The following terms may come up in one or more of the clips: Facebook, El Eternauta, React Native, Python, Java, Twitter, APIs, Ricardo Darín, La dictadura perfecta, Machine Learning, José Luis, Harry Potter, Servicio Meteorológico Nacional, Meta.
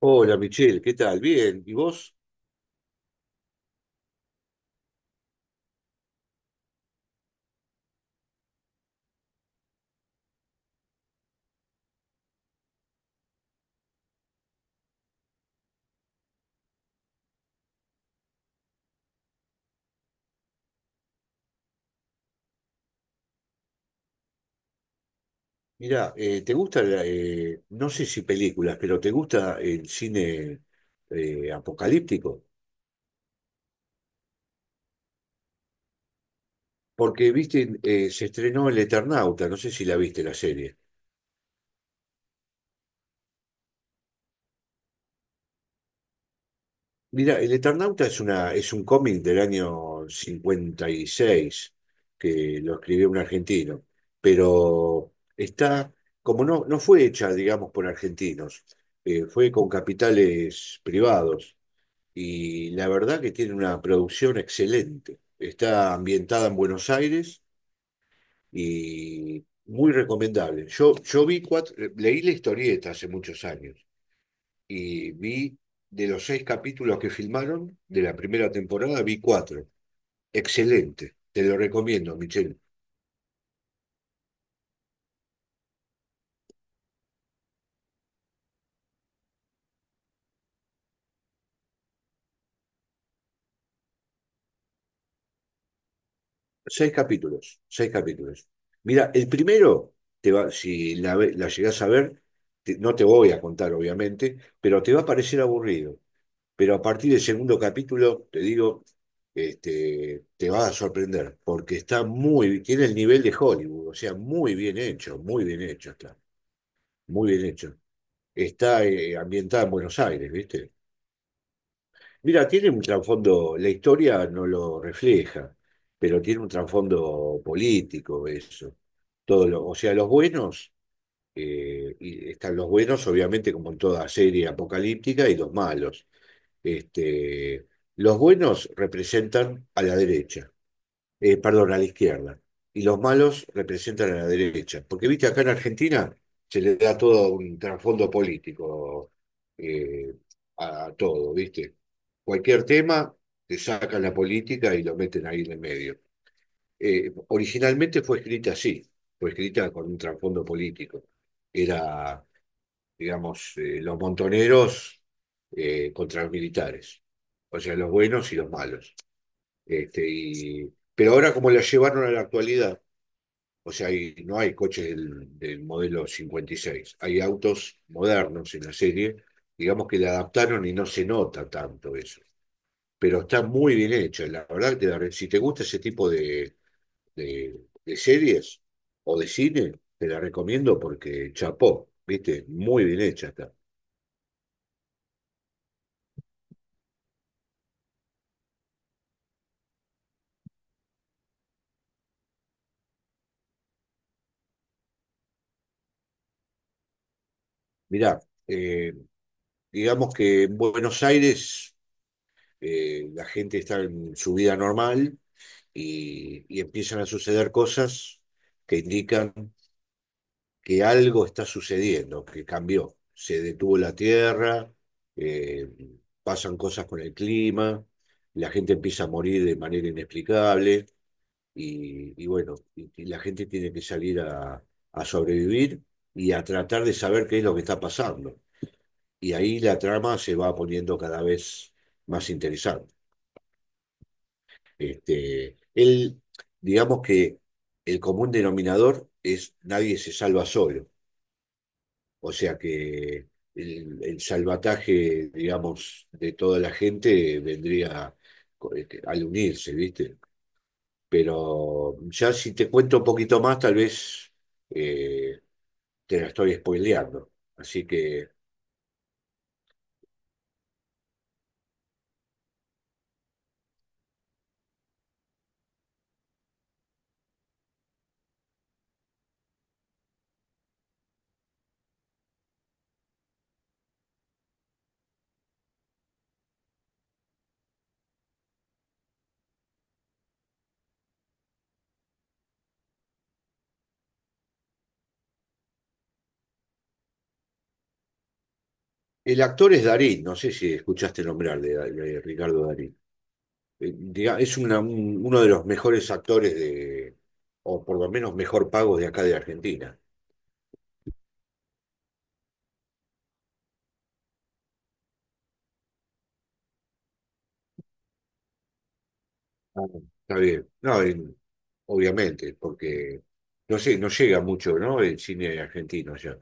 Hola Michelle, ¿qué tal? Bien, ¿y vos? Mirá, ¿te gusta, no sé si películas? Pero ¿te gusta el cine apocalíptico? Porque, viste, se estrenó El Eternauta, no sé si la viste la serie. Mira, El Eternauta es un cómic del año 56 que lo escribió un argentino, pero está, como no fue hecha, digamos, por argentinos, fue con capitales privados y la verdad que tiene una producción excelente. Está ambientada en Buenos Aires y muy recomendable. Yo vi cuatro, leí la historieta hace muchos años y vi, de los seis capítulos que filmaron de la primera temporada, vi cuatro. Excelente, te lo recomiendo, Michelle. Seis capítulos, seis capítulos. Mira, el primero, te va, si la, ve- la llegás a ver, no te voy a contar, obviamente, pero te va a parecer aburrido. Pero a partir del segundo capítulo, te digo, este, te va a sorprender, porque está muy, tiene el nivel de Hollywood, o sea, muy bien hecho está, muy bien hecho. Está ambientada en Buenos Aires, ¿viste? Mira, tiene un trasfondo, la historia no lo refleja, pero tiene un trasfondo político eso. O sea, los buenos, y están los buenos, obviamente, como en toda serie apocalíptica, y los malos. Este, los buenos representan a la derecha, perdón, a la izquierda, y los malos representan a la derecha. Porque, viste, acá en Argentina se le da todo un trasfondo político eh, a todo, viste. Cualquier tema, te sacan la política y lo meten ahí en el medio. Originalmente fue escrita así, fue escrita con un trasfondo político. Era, digamos, los montoneros contra los militares, o sea, los buenos y los malos. Este, pero ahora, como la llevaron a la actualidad, o sea, no hay coches del modelo 56, hay autos modernos en la serie, digamos que la adaptaron y no se nota tanto eso, pero está muy bien hecha, la verdad que si te gusta ese tipo de series o de cine, te la recomiendo porque chapó, viste, muy bien hecha está. Mirá, eh, digamos que en Buenos Aires la gente está en su vida normal y empiezan a suceder cosas que indican que algo está sucediendo, que cambió. Se detuvo la tierra, eh, pasan cosas con el clima, la gente empieza a morir de manera inexplicable y bueno, y la gente tiene que salir a sobrevivir y a tratar de saber qué es lo que está pasando. Y ahí la trama se va poniendo cada vez más interesante. Este, digamos que el común denominador es nadie se salva solo, o sea que el salvataje, digamos, de toda la gente vendría, este, al unirse, ¿viste? Pero ya si te cuento un poquito más, tal vez eh, te la estoy spoileando. Así que el actor es Darín, no sé si escuchaste nombrar de Ricardo Darín. Uno de los mejores actores de, o por lo menos mejor pagos, de acá de Argentina. Ah, está bien. No, obviamente, porque no sé, no llega mucho, ¿no? El cine argentino allá.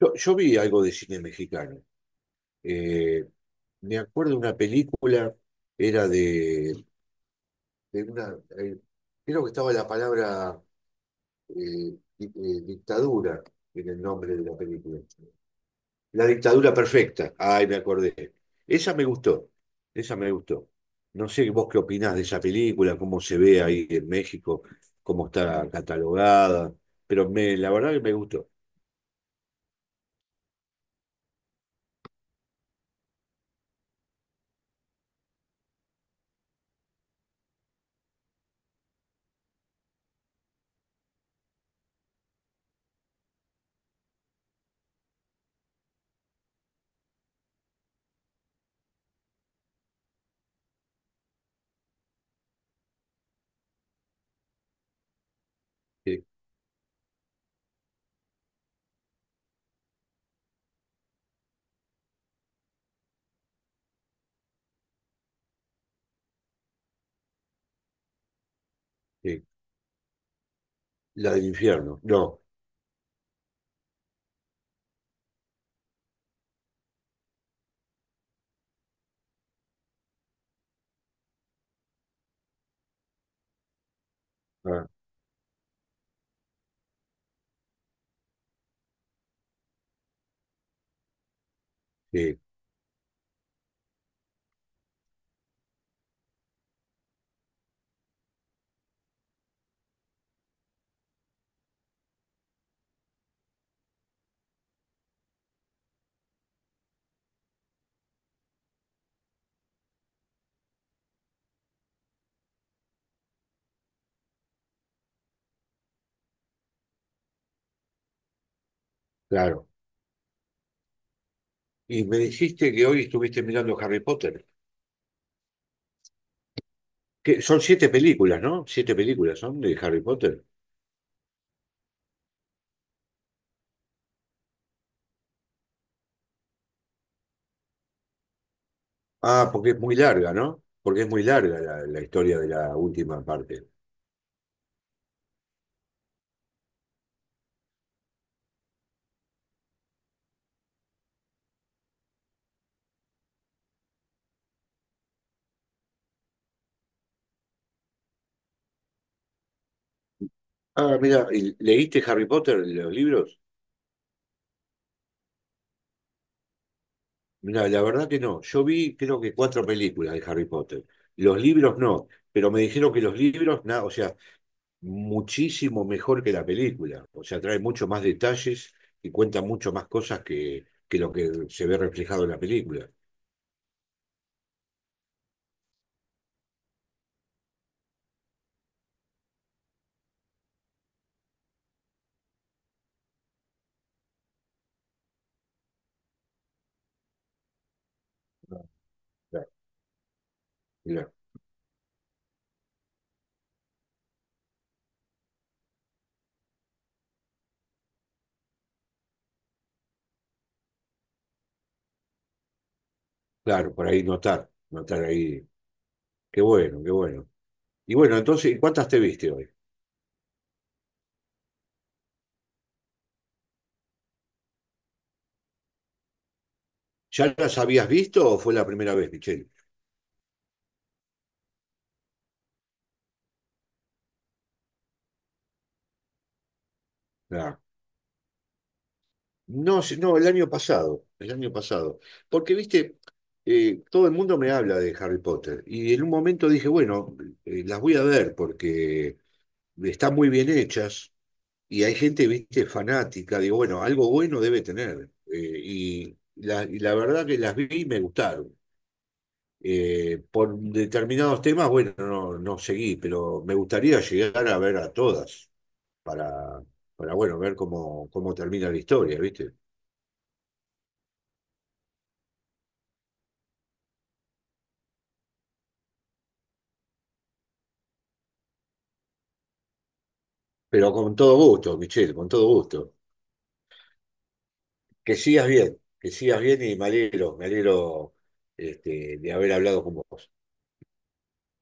Yo vi algo de cine mexicano. Eh, Me acuerdo de una película, era de una, creo que estaba la palabra eh, dictadura en el nombre de la película. La dictadura perfecta. Ay, me acordé. Esa me gustó. Esa me gustó. No sé vos qué opinás de esa película, cómo se ve ahí en México, cómo está catalogada, pero me, la verdad que me gustó. Sí, sí. La del infierno. No. Ah, sí, claro. Y me dijiste que hoy estuviste mirando Harry Potter. Que son siete películas, ¿no? Siete películas son de Harry Potter. Ah, porque es muy larga, ¿no? Porque es muy larga la historia de la última parte. Ah, mira, ¿leíste Harry Potter, los libros? Mira, la verdad que no. Yo vi creo que cuatro películas de Harry Potter. Los libros no, pero me dijeron que los libros, nada, o sea, muchísimo mejor que la película. O sea, trae mucho más detalles y cuenta mucho más cosas que lo que se ve reflejado en la película. Ah, claro. Mirá, claro, por ahí notar, notar ahí. Qué bueno, qué bueno. Y bueno, entonces, ¿cuántas te viste hoy? ¿Ya las habías visto o fue la primera vez, Michelle? No, no, el año pasado, el año pasado. Porque, viste, todo el mundo me habla de Harry Potter y en un momento dije, bueno, las voy a ver porque están muy bien hechas y hay gente, viste, fanática. Digo, bueno, algo bueno debe tener. Y la verdad que las vi y me gustaron. Por determinados temas, bueno, no, no seguí, pero me gustaría llegar a ver a todas para, para, bueno, ver cómo, cómo termina la historia, ¿viste? Pero con todo gusto, Michelle, con todo gusto. Que sigas bien, que sigas bien, y me alegro, me alegro, este, de haber hablado con vos.